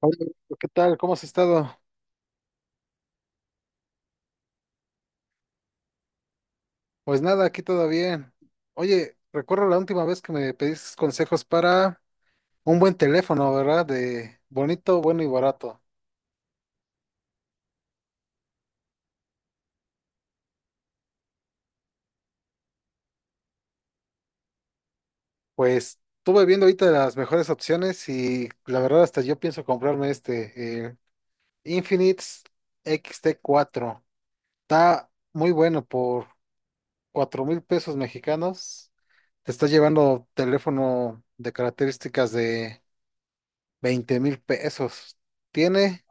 Hola, ¿qué tal? ¿Cómo has estado? Pues nada, aquí todo bien. Oye, recuerdo la última vez que me pediste consejos para un buen teléfono, ¿verdad? De bonito, bueno y barato. Pues estuve viendo ahorita las mejores opciones y la verdad hasta yo pienso comprarme este, el Infinix xt cuatro. Está muy bueno por 4,000 pesos mexicanos. Te está llevando teléfono de características de 20,000 pesos. Tiene.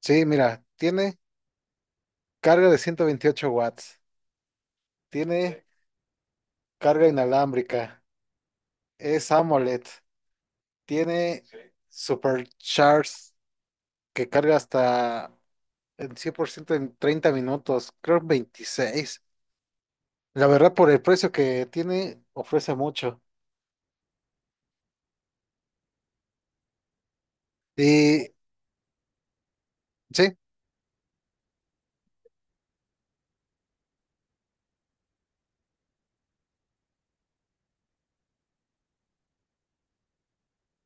Sí, mira, tiene carga de 128 watts. Sí, tiene carga inalámbrica, es AMOLED, tiene. Sí, Supercharge que carga hasta el 100% en 30 minutos, creo en 26. La verdad, por el precio que tiene, ofrece mucho. Y sí,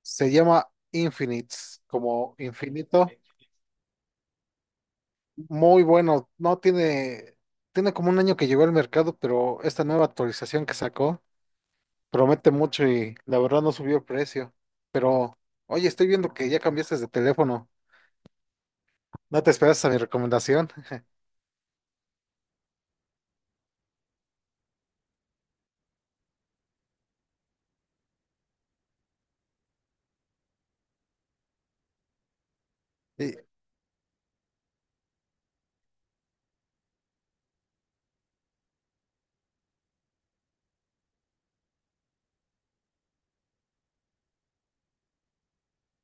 se llama Infinites, como infinito. Muy bueno, no tiene, tiene como un año que llegó al mercado, pero esta nueva actualización que sacó promete mucho y la verdad no subió el precio. Pero, oye, estoy viendo que ya cambiaste de teléfono. No te esperas a mi recomendación. ¿Y,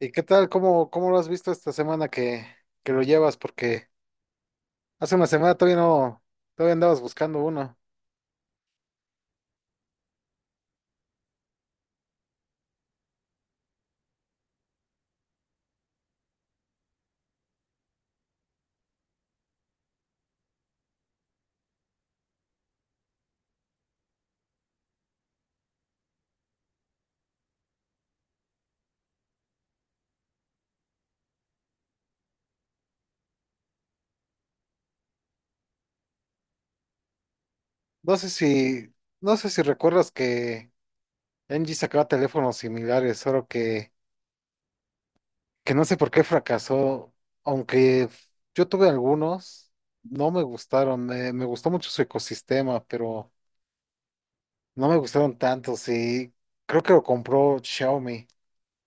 y qué tal? ¿Cómo lo has visto esta semana que lo llevas? Porque hace una semana todavía no, todavía andabas buscando uno. No sé si, no sé si recuerdas que LG sacaba teléfonos similares, solo que no sé por qué fracasó. Aunque yo tuve algunos, no me gustaron. Me gustó mucho su ecosistema, pero no me gustaron tanto, sí. Creo que lo compró Xiaomi.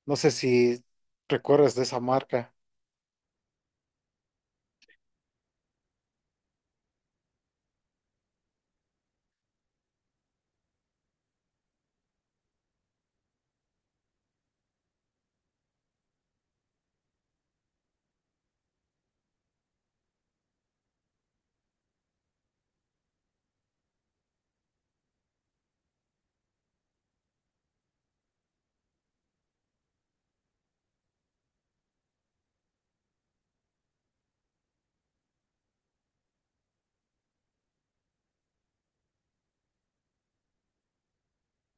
No sé si recuerdas de esa marca.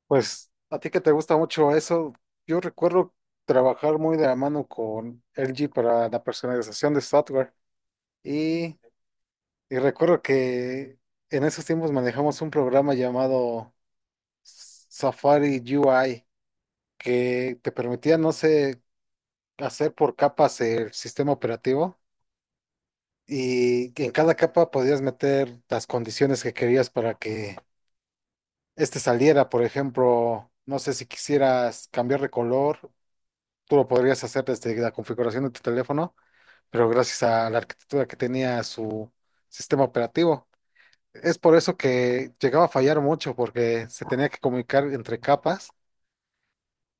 Pues a ti que te gusta mucho eso, yo recuerdo trabajar muy de la mano con LG para la personalización de software. Y, y recuerdo que en esos tiempos manejamos un programa llamado Safari UI que te permitía, no sé, hacer por capas el sistema operativo. Y que en cada capa podías meter las condiciones que querías para que este saliera. Por ejemplo, no sé si quisieras cambiar de color, tú lo podrías hacer desde la configuración de tu teléfono, pero gracias a la arquitectura que tenía su sistema operativo. Es por eso que llegaba a fallar mucho, porque se tenía que comunicar entre capas.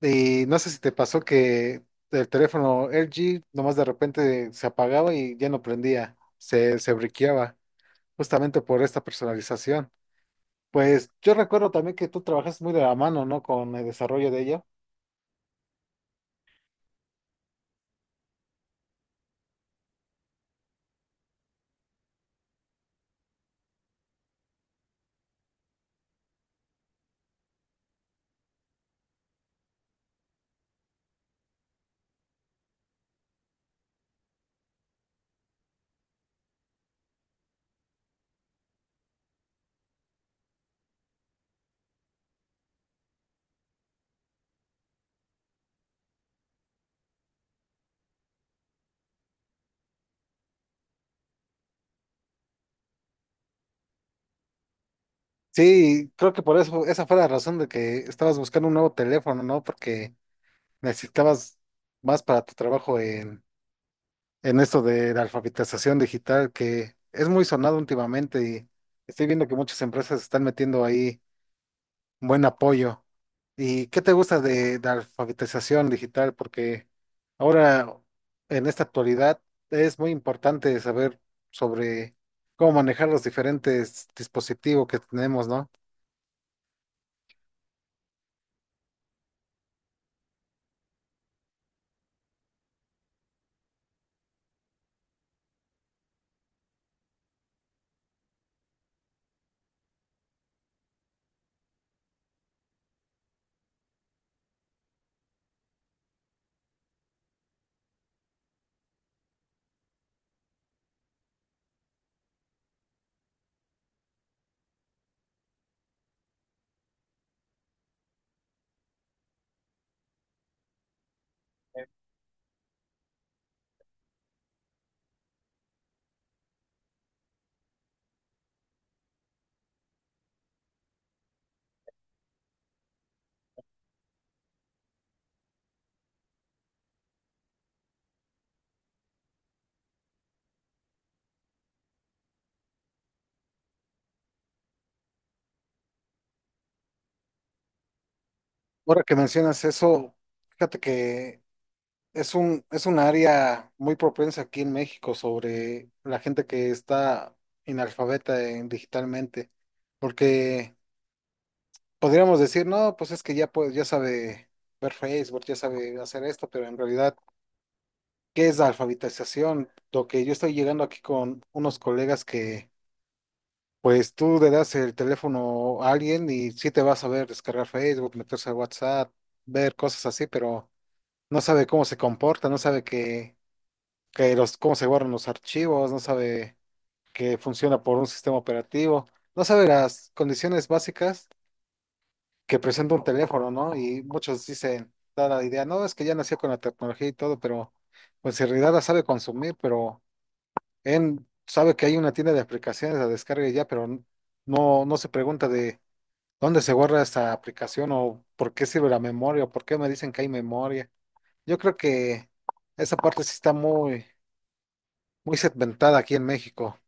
Y no sé si te pasó que el teléfono LG nomás de repente se apagaba y ya no prendía, se briqueaba, justamente por esta personalización. Pues yo recuerdo también que tú trabajas muy de la mano, ¿no? Con el desarrollo de ello. Sí, creo que por eso, esa fue la razón de que estabas buscando un nuevo teléfono, ¿no? Porque necesitabas más para tu trabajo en esto de la alfabetización digital, que es muy sonado últimamente y estoy viendo que muchas empresas están metiendo ahí buen apoyo. ¿Y qué te gusta de alfabetización digital? Porque ahora, en esta actualidad, es muy importante saber sobre cómo manejar los diferentes dispositivos que tenemos, ¿no? Ahora que mencionas eso, fíjate que es un área muy propensa aquí en México sobre la gente que está analfabeta digitalmente, porque podríamos decir, no, pues es que ya, pues, ya sabe ver Facebook, ya sabe hacer esto, pero en realidad, ¿qué es la alfabetización? Lo que yo estoy llegando aquí con unos colegas que, pues tú le das el teléfono a alguien y sí te va a saber descargar Facebook, meterse a WhatsApp, ver cosas así, pero no sabe cómo se comporta, no sabe que, cómo se guardan los archivos, no sabe que funciona por un sistema operativo, no sabe las condiciones básicas que presenta un teléfono, ¿no? Y muchos dicen, da la idea, no, es que ya nació con la tecnología y todo, pero pues en realidad la sabe consumir, pero él sabe que hay una tienda de aplicaciones, la descarga y ya, pero no, no se pregunta de dónde se guarda esta aplicación o por qué sirve la memoria o por qué me dicen que hay memoria. Yo creo que esa parte sí está muy, muy segmentada aquí en México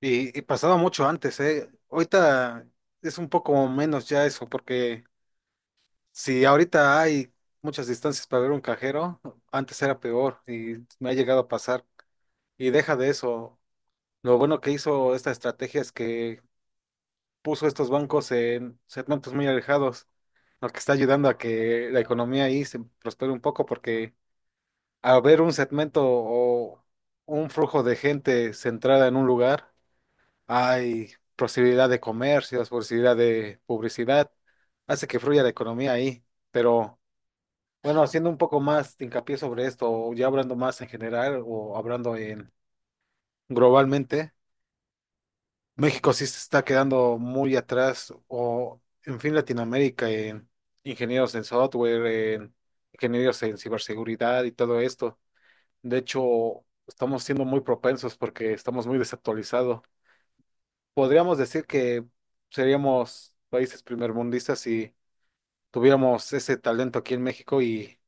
y pasaba mucho antes, ¿eh? Ahorita es un poco menos ya eso, porque... si ahorita hay muchas distancias para ver un cajero, antes era peor y me ha llegado a pasar. Y deja de eso. Lo bueno que hizo esta estrategia es que puso estos bancos en segmentos muy alejados, lo que está ayudando a que la economía ahí se prospere un poco porque al ver un segmento o un flujo de gente centrada en un lugar, hay posibilidad de comercios, posibilidad de publicidad, hace que fluya la economía ahí, pero... bueno, haciendo un poco más de hincapié sobre esto, o ya hablando más en general o hablando en globalmente, México sí se está quedando muy atrás, o en fin, Latinoamérica en ingenieros en software, en ingenieros en ciberseguridad y todo esto. De hecho, estamos siendo muy propensos porque estamos muy desactualizados. Podríamos decir que seríamos países primermundistas si tuviéramos ese talento aquí en México y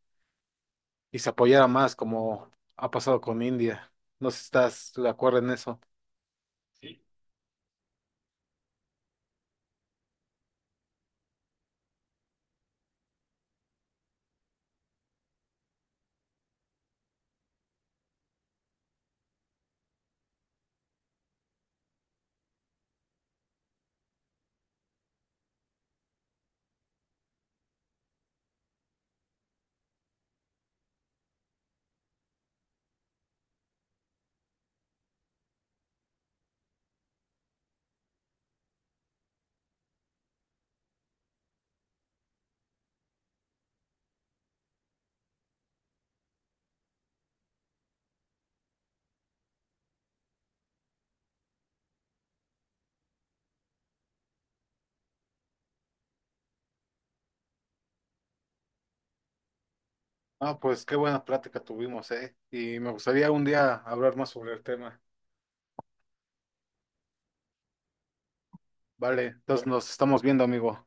y se apoyara más como ha pasado con India. No sé si estás de acuerdo en eso. Ah, pues qué buena plática tuvimos, ¿eh? Y me gustaría un día hablar más sobre el tema. Vale, entonces nos estamos viendo, amigo.